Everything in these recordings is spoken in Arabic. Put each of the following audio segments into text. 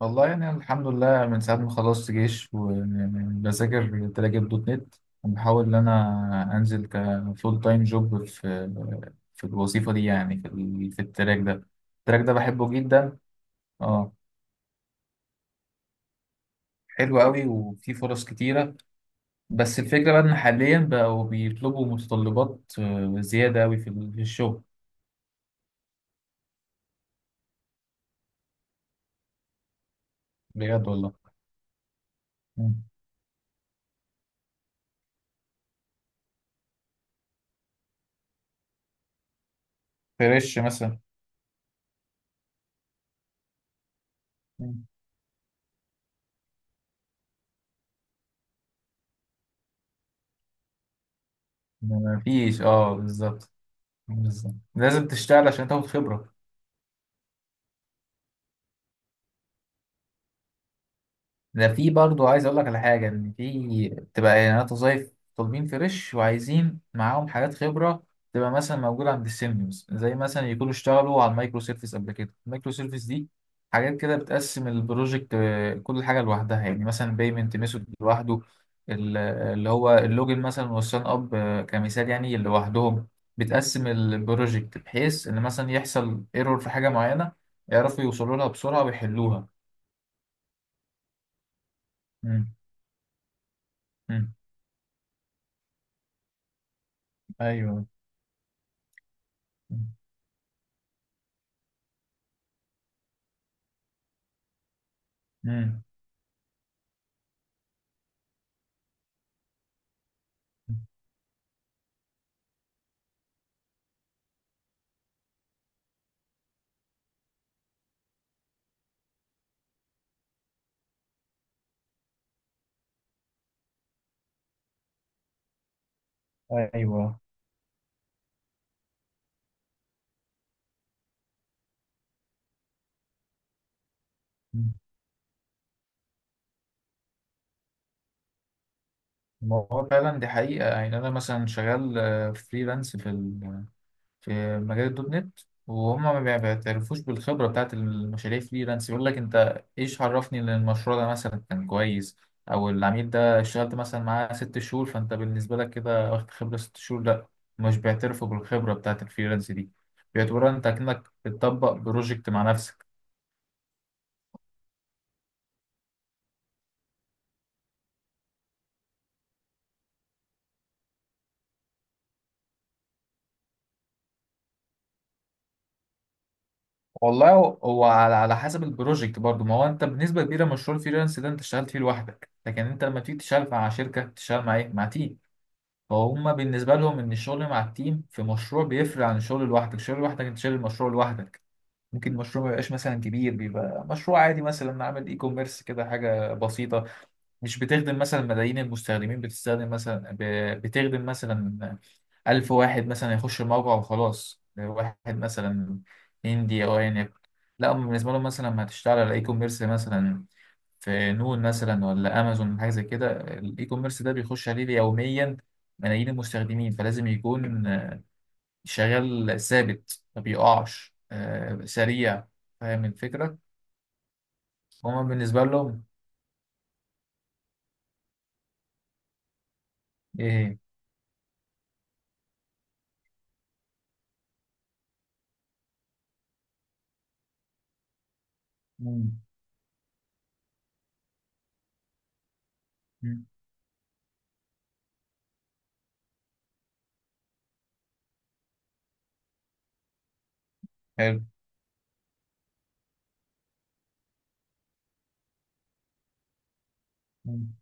والله يعني أنا الحمد لله من ساعة ما خلصت جيش وبذاكر تراجل دوت نت وبحاول إن أنا أنزل كفول تايم جوب في الوظيفة دي، يعني في التراك ده. التراك ده بحبه جدا. اه، حلو قوي وفيه فرص كتيرة. بس الفكرة بقى إن حاليا بقوا بيطلبوا متطلبات زيادة قوي في الشغل. بجد والله. مم. فريش مثلا. مم. مفيش، اه بالظبط. بالظبط لازم تشتغل عشان تاخد خبرة. ده في برضه عايز اقول لك على حاجه، ان في بتبقى اعلانات وظايف طالبين فريش وعايزين معاهم حاجات خبره تبقى مثلا موجوده عند السيميوز، زي مثلا يكونوا اشتغلوا على المايكرو سيرفيس قبل كده. المايكرو سيرفيس دي حاجات كده بتقسم البروجكت، كل حاجه لوحدها، يعني مثلا بيمنت ميثود لوحده، اللي هو اللوجن مثلا والسان اب، كمثال يعني لوحدهم. بتقسم البروجكت بحيث ان مثلا يحصل ايرور في حاجه معينه يعرفوا يوصلوا لها بسرعه ويحلوها. مم. مم. ايوه. مم. ايوه. مم. ما هو فعلا دي حقيقة، يعني أنا مثلا شغال فريلانس في مجال الدوت نت. وهم ما بيع- بيعترفوش بالخبرة بتاعت المشاريع فريلانس. يقول لك أنت إيش عرفني إن المشروع ده مثلا كان كويس، أو العميل ده اشتغلت مثلا معاه 6 شهور، فأنت بالنسبة لك كده واخد خبرة 6 شهور. لأ، مش بيعترفوا بالخبرة بتاعت الفريلانس دي. بيعتبروها أنت كأنك بتطبق بروجكت مع نفسك. والله، هو على حسب البروجكت برضو. ما هو انت بنسبه كبيره مشروع الفريلانس ده انت اشتغلت فيه لوحدك، لكن انت لما تيجي تشتغل مع شركه تشتغل مع ايه، مع تيم. فهم بالنسبه لهم ان الشغل مع التيم في مشروع بيفرق عن الشغل لوحدك. الشغل لوحدك انت شايل المشروع لوحدك. ممكن المشروع ما يبقاش مثلا كبير، بيبقى مشروع عادي مثلا، عامل اي كوميرس كده، حاجه بسيطه مش بتخدم مثلا ملايين المستخدمين، بتستخدم مثلا بتخدم مثلا 1000 واحد مثلا يخش الموقع وخلاص، واحد مثلا هندي أو أيا يكن. لا، هم بالنسبة لهم مثلا لما هتشتغل على إي كوميرس مثلا في نون مثلا ولا أمازون حاجة زي كده، الإي كوميرس ده بيخش عليه يوميا ملايين المستخدمين، فلازم يكون شغال ثابت ما بيقعش، سريع. فاهم الفكرة؟ هما بالنسبة لهم. إيه؟ مم. مم. حلو. مم.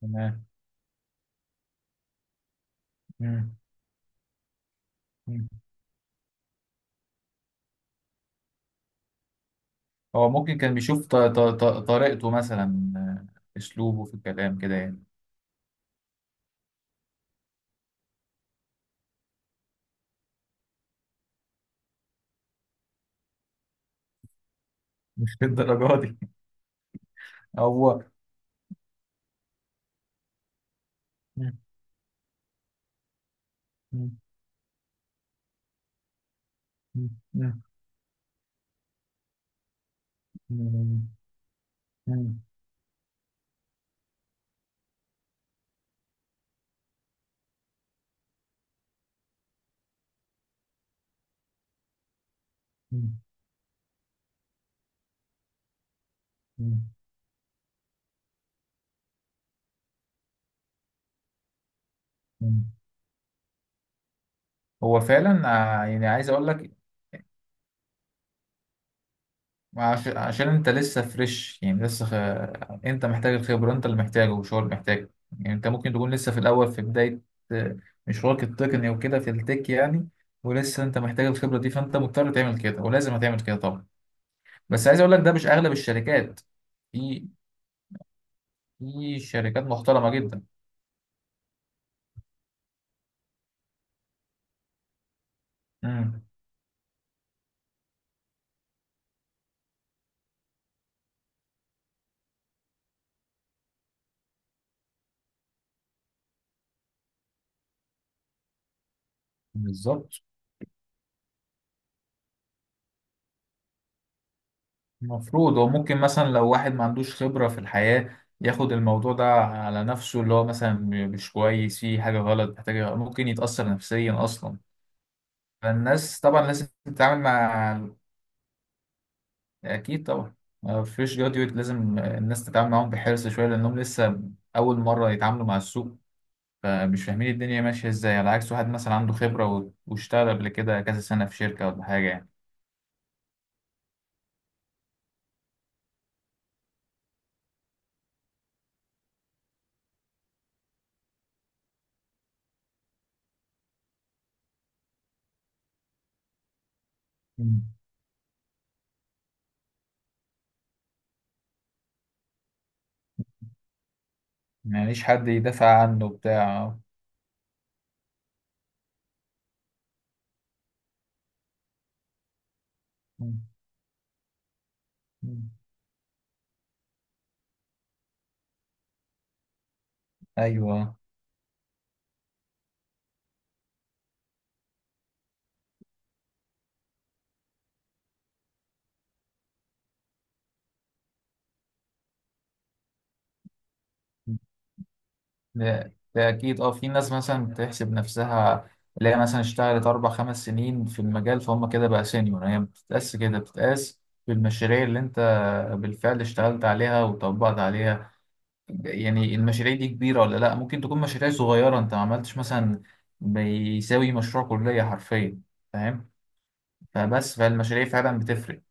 تمام. مم. مم. هو ممكن كان بيشوف طريقته مثلا، اسلوبه في الكلام كده يعني. مش للدرجه دي. هو. مم. مم. مم. مم. مم. مم. مم. مم. هو فعلا يعني عايز اقول لك عشان انت لسه فريش، يعني لسه خ... انت محتاج الخبره، انت اللي محتاجه مش هو اللي محتاجه. يعني انت ممكن تكون لسه في الاول، في بدايه آه، مشوارك التقني وكده في التك يعني. ولسه انت محتاج الخبره دي، فانت مضطر تعمل كده ولازم هتعمل كده طبعا. بس عايز اقول لك ده مش اغلب الشركات. في في شركات محترمه جدا. امم. بالظبط. المفروض هو ممكن مثلا لو واحد ما عندوش خبرة في الحياة ياخد الموضوع ده على نفسه، اللي هو مثلا مش كويس، فيه حاجة غلط، محتاج، ممكن يتأثر نفسيا أصلا. فالناس طبعا لازم تتعامل مع. أكيد طبعا، ما فيش جراديويت، لازم الناس تتعامل معاهم بحرص شوية لأنهم لسه أول مرة يتعاملوا مع السوق، فمش فاهمين الدنيا ماشية ازاي. على عكس واحد مثلا عنده خبرة واشتغل قبل كده كذا سنة في شركة ولا حاجة يعني. مم. ما ليش حد يدافع عنه بتاع. مم. مم. ايوه. ده أكيد. اه في ناس مثلا بتحسب نفسها اللي هي مثلا اشتغلت 4 5 سنين في المجال، فهم كده بقى سينيور. هي ما بتتقاس كده، بتتقاس بالمشاريع اللي أنت بالفعل اشتغلت عليها وطبقت عليها. يعني المشاريع دي كبيرة ولا لأ؟ ممكن تكون مشاريع صغيرة أنت ما عملتش مثلا، بيساوي مشروع كلية حرفيا، فاهم؟ فبس، فالمشاريع فعلا بتفرق.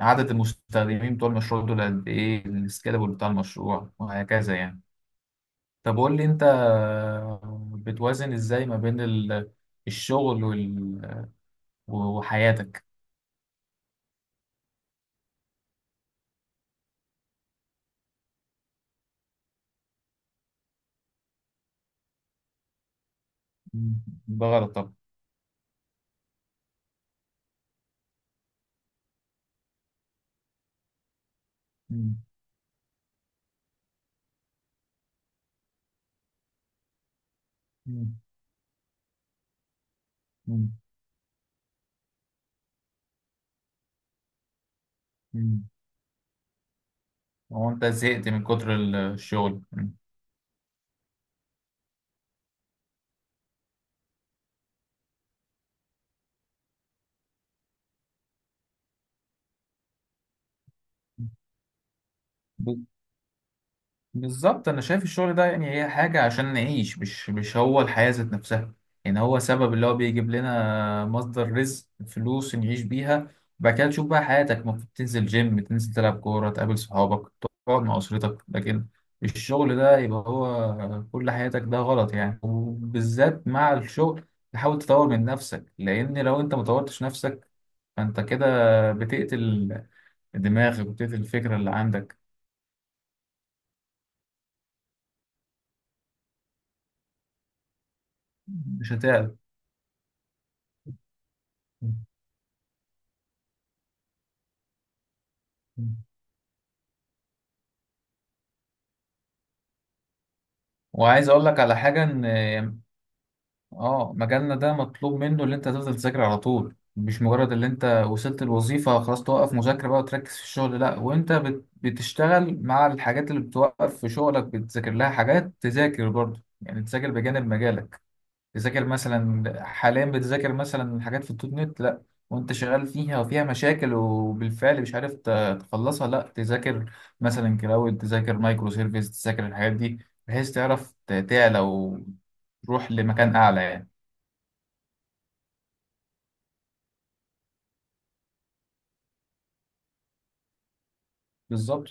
عدد المستخدمين بتوع المشروع دول قد إيه، السكيلابل بتاع المشروع، وهكذا يعني. طب قول لي أنت، بتوازن إزاي ما بين الشغل وال... وحياتك. مم. ده غلط طبعا. مم. مم. مم. مم. هو أنت زهقت من كتر الشغل؟ مم. بالظبط. انا شايف الشغل ده، يعني هي حاجة عشان نعيش، مش هو الحياة ذات نفسها. يعني هو سبب اللي هو بيجيب لنا مصدر رزق، فلوس نعيش بيها. وبعد كده تشوف بقى حياتك، المفروض تنزل جيم، تنزل تلعب كورة، تقابل صحابك، تقعد مع أسرتك. لكن الشغل ده يبقى هو كل حياتك، ده غلط يعني. وبالذات مع الشغل، تحاول تطور من نفسك، لأن لو أنت مطورتش نفسك فأنت كده بتقتل دماغك وبتقتل الفكرة اللي عندك. مش هتعرف. وعايز اقول لك على حاجه، ان اه مجالنا ده مطلوب منه اللي انت تفضل تذاكر على طول، مش مجرد اللي انت وصلت الوظيفه خلاص توقف مذاكره بقى وتركز في الشغل، لا. وانت بتشتغل مع الحاجات اللي بتوقف في شغلك بتذاكر لها حاجات، تذاكر برضه يعني، تذاكر بجانب مجالك. تذاكر مثلا، حاليا بتذاكر مثلا حاجات في الدوت نت، لا وانت شغال فيها وفيها مشاكل وبالفعل مش عارف تخلصها، لا تذاكر مثلا كلاود، تذاكر مايكرو سيرفيس، تذاكر الحاجات دي بحيث تعرف تعلى وتروح لمكان اعلى يعني. بالظبط.